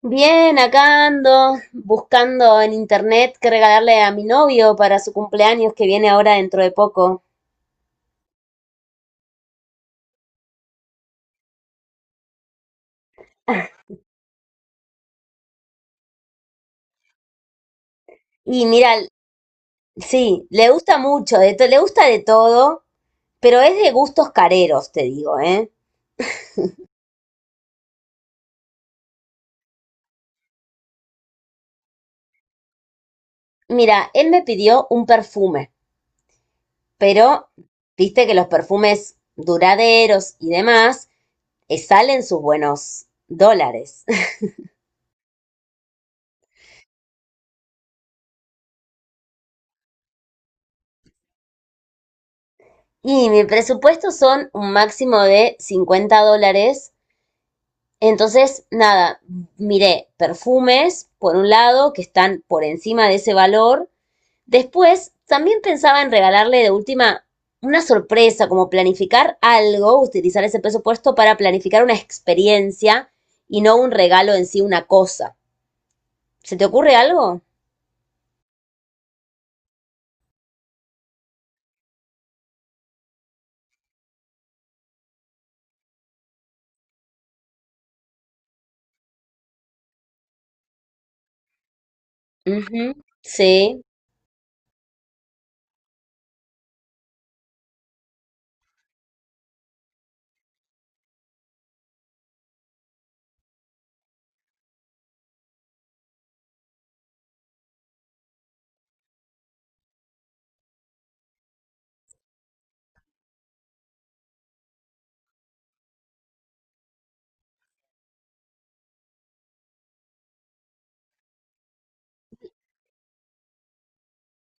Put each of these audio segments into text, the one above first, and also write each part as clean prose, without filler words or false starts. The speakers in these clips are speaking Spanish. Bien, acá ando buscando en internet qué regalarle a mi novio para su cumpleaños que viene ahora dentro de poco. Y mira, sí, le gusta mucho, le gusta de todo, pero es de gustos careros, te digo, ¿eh? Mira, él me pidió un perfume, pero viste que los perfumes duraderos y demás salen sus buenos dólares. Y mi presupuesto son un máximo de $50. Entonces, nada, miré perfumes, por un lado, que están por encima de ese valor. Después, también pensaba en regalarle de última una sorpresa, como planificar algo, utilizar ese presupuesto para planificar una experiencia y no un regalo en sí, una cosa. ¿Se te ocurre algo? Ujú. Sí.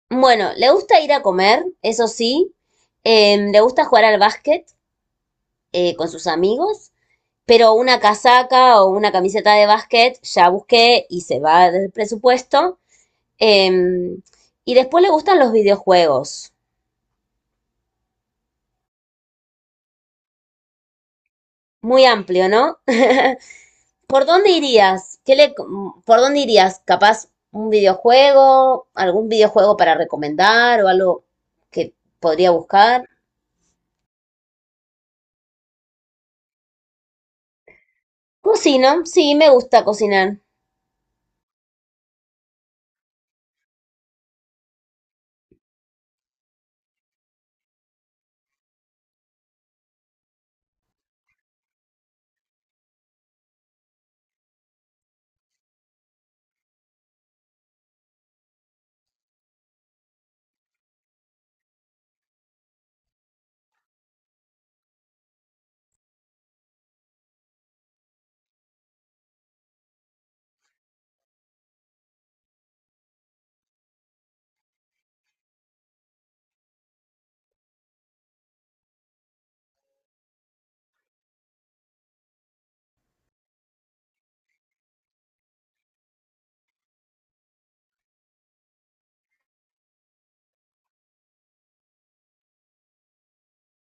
Bueno, le gusta ir a comer, eso sí. Le gusta jugar al básquet con sus amigos. Pero una casaca o una camiseta de básquet ya busqué y se va del presupuesto. Em, y después le gustan los videojuegos. Muy amplio, ¿no? ¿Por dónde irías? ¿Por dónde irías? ¿Capaz un videojuego? ¿Algún videojuego para recomendar o algo que podría buscar? Cocino, sí, me gusta cocinar.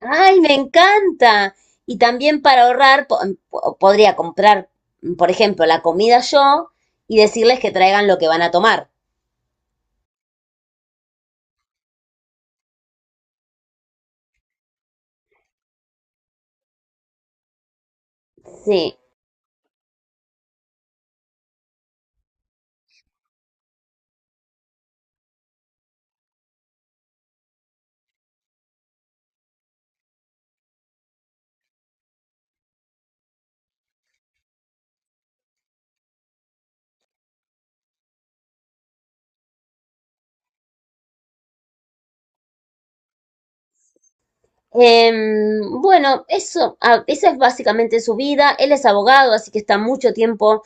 Ay, me encanta. Y también para ahorrar, podría comprar, por ejemplo, la comida yo y decirles que traigan lo que van a tomar. Sí. Bueno, eso, ah, esa es básicamente su vida. Él es abogado, así que está mucho tiempo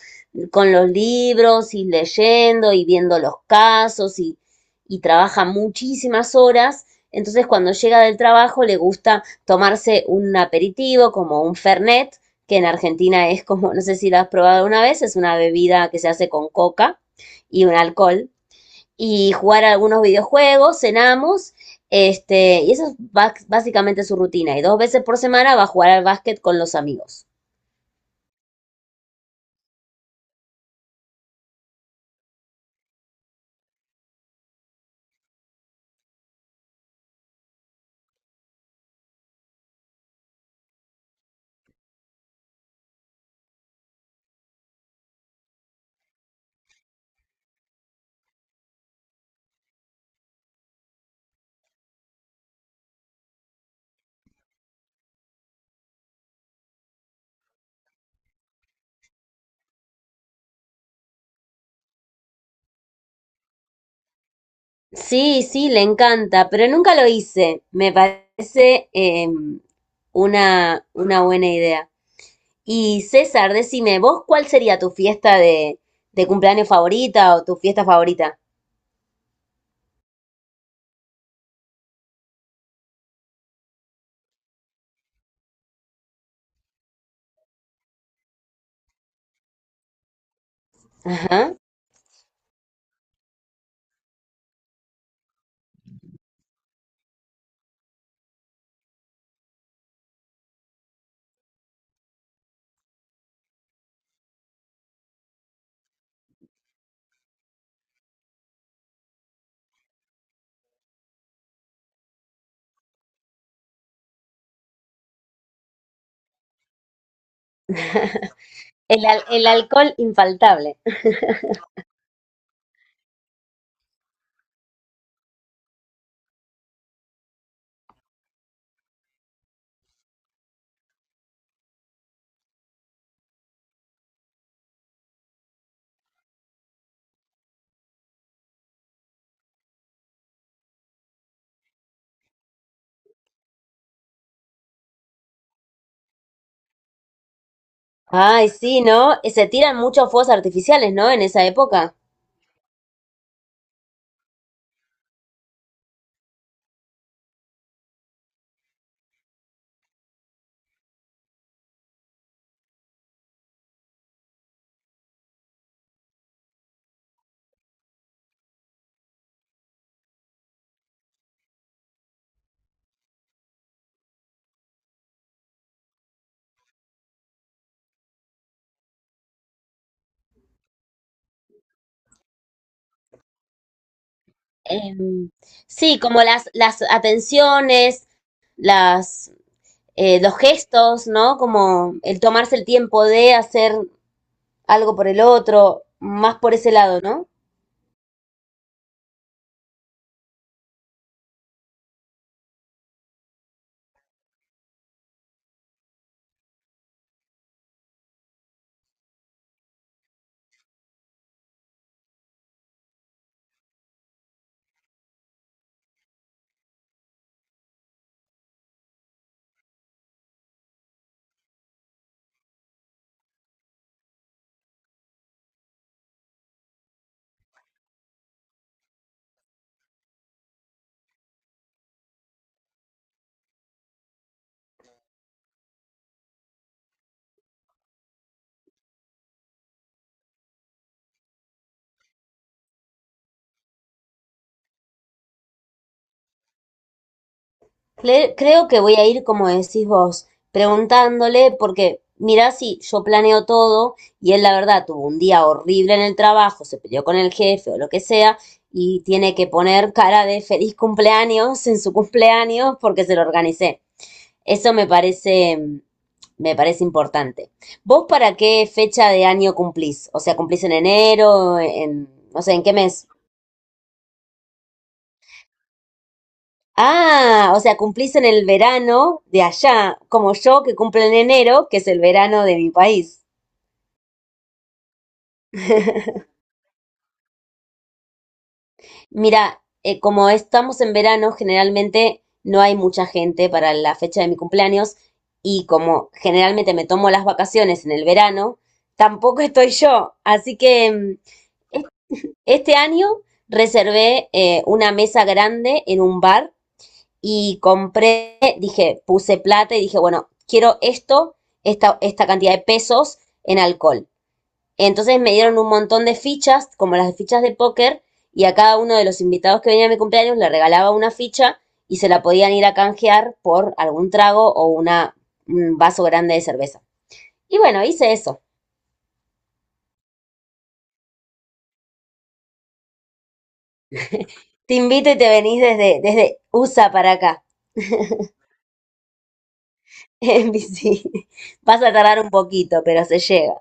con los libros y leyendo y viendo los casos y trabaja muchísimas horas. Entonces, cuando llega del trabajo, le gusta tomarse un aperitivo como un Fernet, que en Argentina es como, no sé si lo has probado una vez, es una bebida que se hace con coca y un alcohol y jugar algunos videojuegos, cenamos, este, y esa es básicamente su rutina. Y dos veces por semana va a jugar al básquet con los amigos. Sí, sí, le encanta, pero nunca lo hice. Me parece una buena idea. Y César, decime, ¿vos cuál sería tu fiesta de cumpleaños favorita o tu fiesta favorita? Ajá. El alcohol infaltable. Ay, sí, ¿no? Se tiran muchos fuegos artificiales, ¿no? En esa época. Em, sí, como las atenciones, las, los gestos, ¿no? Como el tomarse el tiempo de hacer algo por el otro, más por ese lado, ¿no? Creo que voy a ir, como decís vos, preguntándole, porque mirá si yo planeo todo y él la verdad tuvo un día horrible en el trabajo, se peleó con el jefe o lo que sea, y tiene que poner cara de feliz cumpleaños en su cumpleaños porque se lo organicé. Eso me parece, me parece importante. ¿Vos para qué fecha de año cumplís? O sea, ¿cumplís en enero? En, no sé, ¿en qué mes? Ah, o sea, cumplís en el verano de allá, como yo que cumple en enero, que es el verano de mi país. Mira, como estamos en verano, generalmente no hay mucha gente para la fecha de mi cumpleaños y como generalmente me tomo las vacaciones en el verano, tampoco estoy yo. Así que este año reservé una mesa grande en un bar y compré, dije, puse plata y dije, bueno, quiero esto, esta cantidad de pesos en alcohol. Entonces me dieron un montón de fichas, como las fichas de póker, y a cada uno de los invitados que venía a mi cumpleaños le regalaba una ficha y se la podían ir a canjear por algún trago o un vaso grande de cerveza. Y bueno, hice eso. Te invito y te venís desde USA para acá. En bici. Vas a tardar un poquito, pero se llega.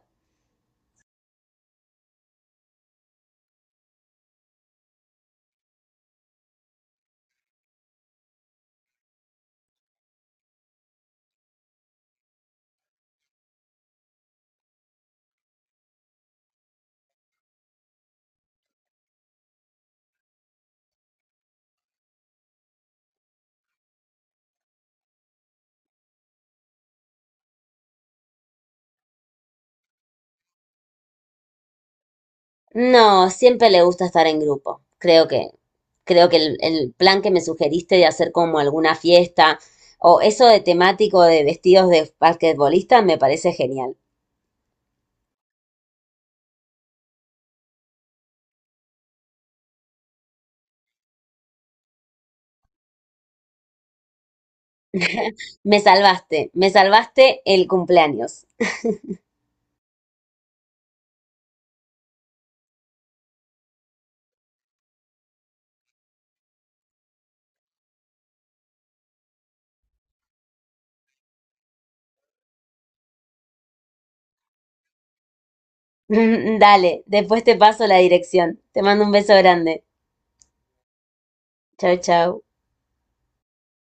No, siempre le gusta estar en grupo. Creo que el plan que me sugeriste de hacer como alguna fiesta o eso de temático de vestidos de basquetbolista me parece genial. Me salvaste el cumpleaños. Dale, después te paso la dirección. Te mando un beso grande. Chau, chau.